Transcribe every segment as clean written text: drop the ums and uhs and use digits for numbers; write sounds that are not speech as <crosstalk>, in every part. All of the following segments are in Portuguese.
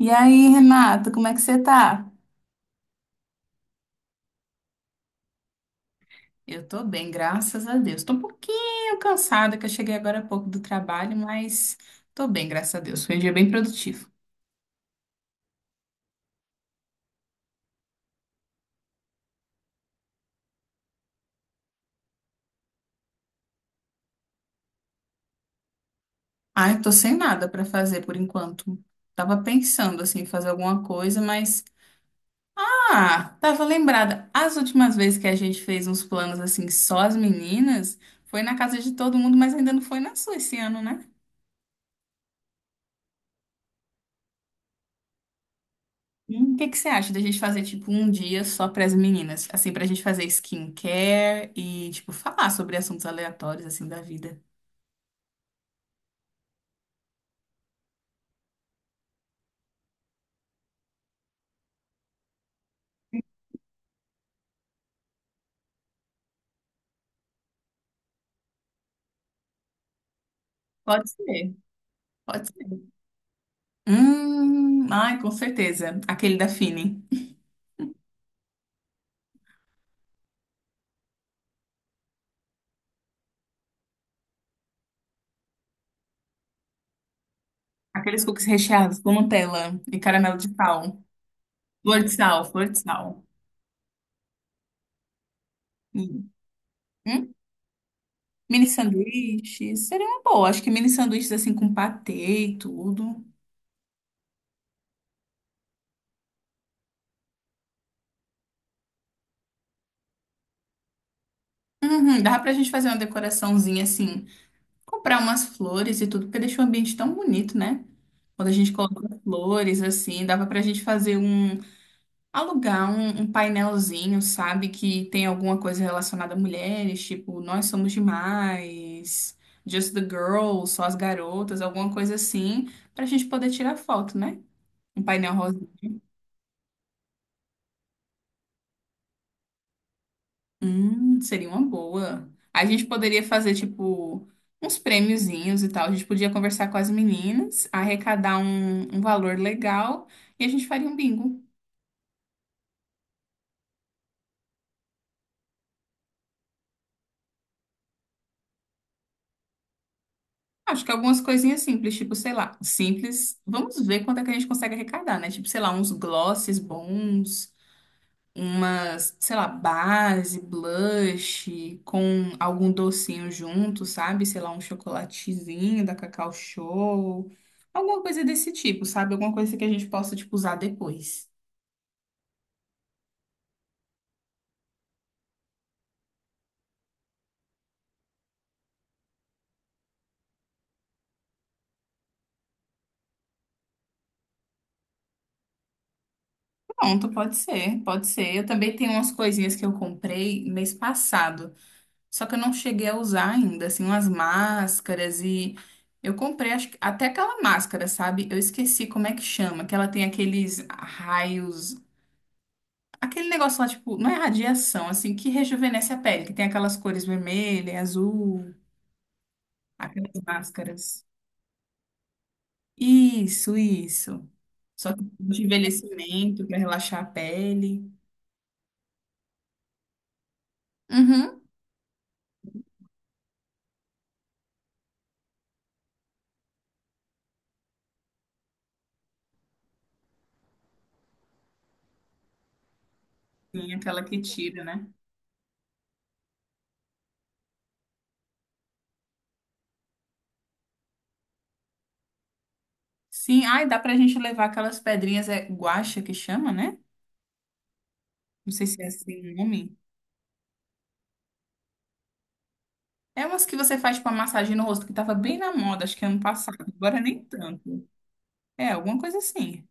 E aí, Renata, como é que você tá? Eu tô bem, graças a Deus. Tô um pouquinho cansada, que eu cheguei agora há pouco do trabalho, mas tô bem, graças a Deus. Foi um dia bem produtivo. Ah, eu tô sem nada pra fazer por enquanto. Tava pensando, assim, em fazer alguma coisa, mas... Ah, tava lembrada. As últimas vezes que a gente fez uns planos, assim, só as meninas, foi na casa de todo mundo, mas ainda não foi na sua esse ano, né? O que que você acha da gente fazer, tipo, um dia só para as meninas? Assim, pra gente fazer skincare e, tipo, falar sobre assuntos aleatórios, assim, da vida. Pode ser, pode ser. Ai, com certeza. Aquele da Fini. Aqueles cookies recheados com Nutella e caramelo de sal. Flor de sal, flor de sal. Hum. Hum? Mini sanduíches. Seria uma boa. Acho que mini sanduíches, assim, com patê e tudo. Uhum, dá pra gente fazer uma decoraçãozinha, assim, comprar umas flores e tudo, porque deixa o ambiente tão bonito, né? Quando a gente coloca flores assim, dava pra gente fazer um, alugar um painelzinho, sabe? Que tem alguma coisa relacionada a mulheres, tipo, nós somos demais, just the girls, só as garotas, alguma coisa assim, pra gente poder tirar foto, né? Um painel rosa. Seria uma boa. A gente poderia fazer, tipo, uns prêmiozinhos e tal. A gente podia conversar com as meninas, arrecadar um valor legal e a gente faria um bingo. Acho que algumas coisinhas simples, tipo, sei lá, simples. Vamos ver quanto é que a gente consegue arrecadar, né? Tipo, sei lá, uns glosses bons, umas, sei lá, base, blush, com algum docinho junto, sabe? Sei lá, um chocolatezinho da Cacau Show, alguma coisa desse tipo, sabe? Alguma coisa que a gente possa, tipo, usar depois. Pronto, pode ser, pode ser. Eu também tenho umas coisinhas que eu comprei mês passado, só que eu não cheguei a usar ainda, assim, umas máscaras e eu comprei até aquela máscara, sabe? Eu esqueci como é que chama, que ela tem aqueles raios. Aquele negócio lá, tipo, não é radiação, assim, que rejuvenesce a pele, que tem aquelas cores vermelha, azul, aquelas máscaras. Isso, isso. Só que de envelhecimento, pra relaxar a pele. Uhum. Tem aquela que tira, né? Sim, ai, dá pra gente levar aquelas pedrinhas, é guaxa que chama, né? Não sei se é assim o nome. É umas que você faz, tipo, uma massagem no rosto, que tava bem na moda, acho que ano passado, agora nem tanto. É, alguma coisa assim.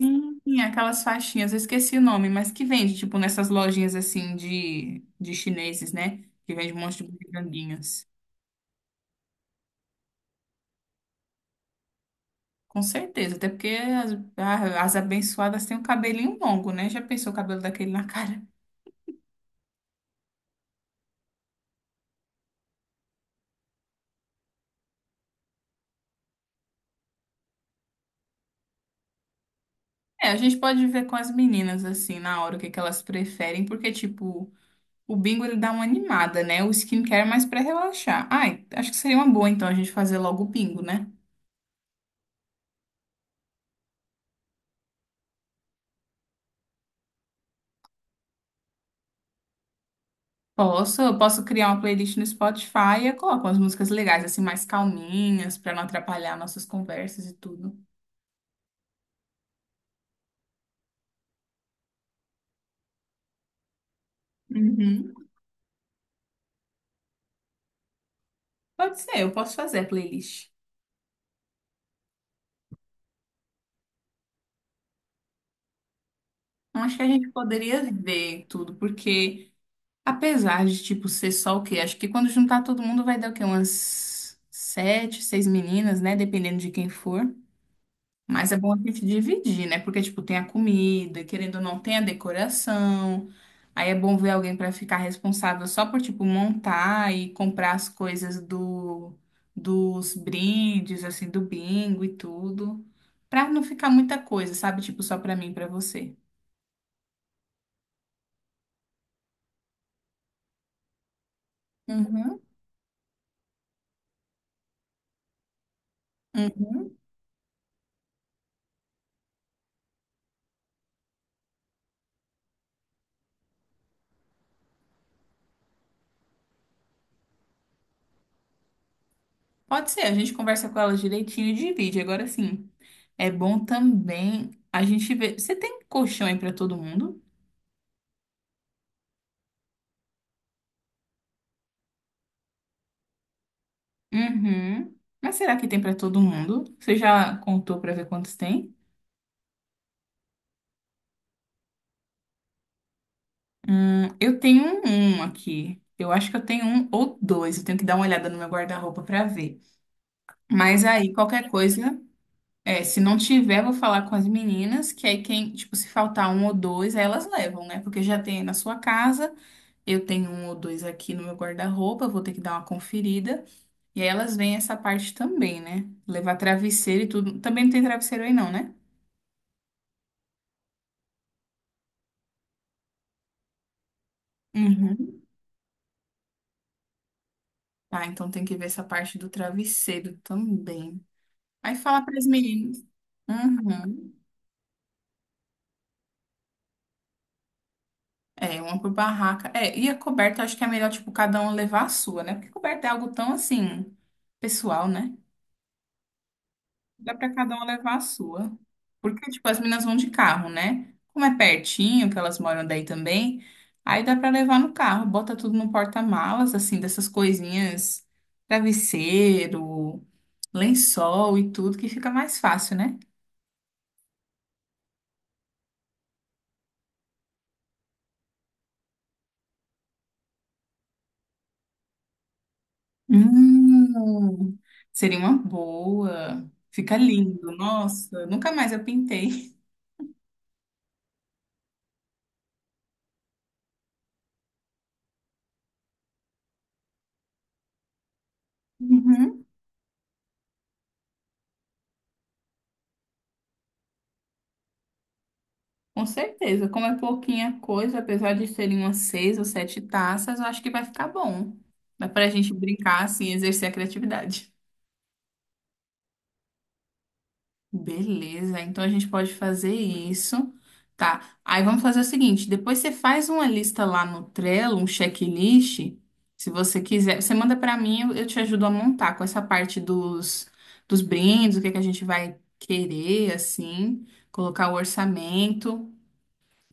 Sim, aquelas faixinhas, eu esqueci o nome, mas que vende, tipo, nessas lojinhas assim de chineses, né? Que vende um monte de bugiganguinhas. Com certeza, até porque as, ah, as abençoadas têm um cabelinho longo, né? Já pensou o cabelo daquele na cara? É, a gente pode ver com as meninas, assim, na hora, o que que elas preferem, porque, tipo, o bingo ele dá uma animada, né? O skincare é mais pra relaxar. Ai, acho que seria uma boa, então, a gente fazer logo o bingo, né? Posso, eu posso criar uma playlist no Spotify e eu coloco umas músicas legais, assim, mais calminhas, para não atrapalhar nossas conversas e tudo. Uhum. Pode ser, eu posso fazer a playlist. Então, acho que a gente poderia ver tudo, porque apesar de, tipo, ser só o quê? Acho que quando juntar todo mundo vai dar o quê? Umas sete, seis meninas, né? Dependendo de quem for. Mas é bom a gente dividir, né? Porque, tipo, tem a comida, querendo ou não, tem a decoração. Aí é bom ver alguém para ficar responsável só por, tipo, montar e comprar as coisas do, dos brindes, assim, do bingo e tudo. Pra não ficar muita coisa, sabe? Tipo, só pra mim e pra você. Uhum, uhum. Pode ser, a gente conversa com ela direitinho e divide. Agora sim, é bom também a gente ver. Você tem colchão aí pra todo mundo? Uhum. Mas será que tem para todo mundo? Você já contou para ver quantos tem? Eu tenho um aqui. Eu acho que eu tenho um ou dois. Eu tenho que dar uma olhada no meu guarda-roupa para ver. Mas aí, qualquer coisa, é, se não tiver, vou falar com as meninas, que aí quem, tipo, se faltar um ou dois, aí elas levam, né? Porque já tem aí na sua casa. Eu tenho um ou dois aqui no meu guarda-roupa, eu vou ter que dar uma conferida. E aí elas veem essa parte também, né? Levar travesseiro e tudo. Também não tem travesseiro aí, não, né? Uhum. Ah, então tem que ver essa parte do travesseiro também. Aí fala para as meninas. Uhum. É, uma por barraca. É, e a coberta, eu acho que é melhor, tipo, cada um levar a sua, né? Porque coberta é algo tão, assim, pessoal, né? Dá para cada um levar a sua. Porque, tipo, as meninas vão de carro, né? Como é pertinho, que elas moram daí também, aí dá para levar no carro. Bota tudo no porta-malas, assim, dessas coisinhas, travesseiro, lençol e tudo, que fica mais fácil, né? Hum, seria uma boa. Fica lindo. Nossa, nunca mais eu pintei. Uhum, com certeza. Como é pouquinha coisa, apesar de serem umas seis ou sete taças, eu acho que vai ficar bom. Dá pra gente brincar, assim, exercer a criatividade. Beleza, então a gente pode fazer isso, tá? Aí vamos fazer o seguinte: depois você faz uma lista lá no Trello, um checklist, se você quiser. Você manda pra mim, eu te ajudo a montar com essa parte dos, dos brindes, o que é que a gente vai querer, assim, colocar o orçamento,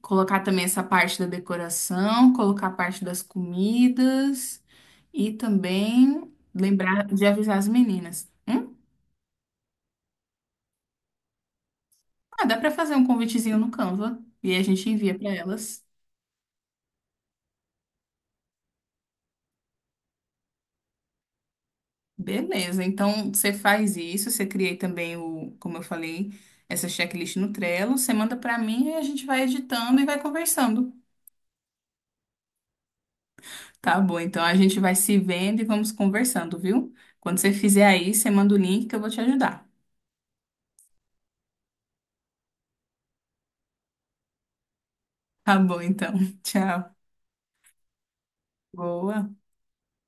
colocar também essa parte da decoração, colocar a parte das comidas e também lembrar de avisar as meninas. Hum? Ah, dá pra fazer um convitezinho no Canva e a gente envia pra elas. Beleza, então você faz isso, você cria também o, como eu falei, essa checklist no Trello, você manda pra mim e a gente vai editando e vai conversando. Tá bom, então a gente vai se vendo e vamos conversando, viu? Quando você fizer aí, você manda o link que eu vou te ajudar. Tá bom, então. <laughs> Tchau. Boa.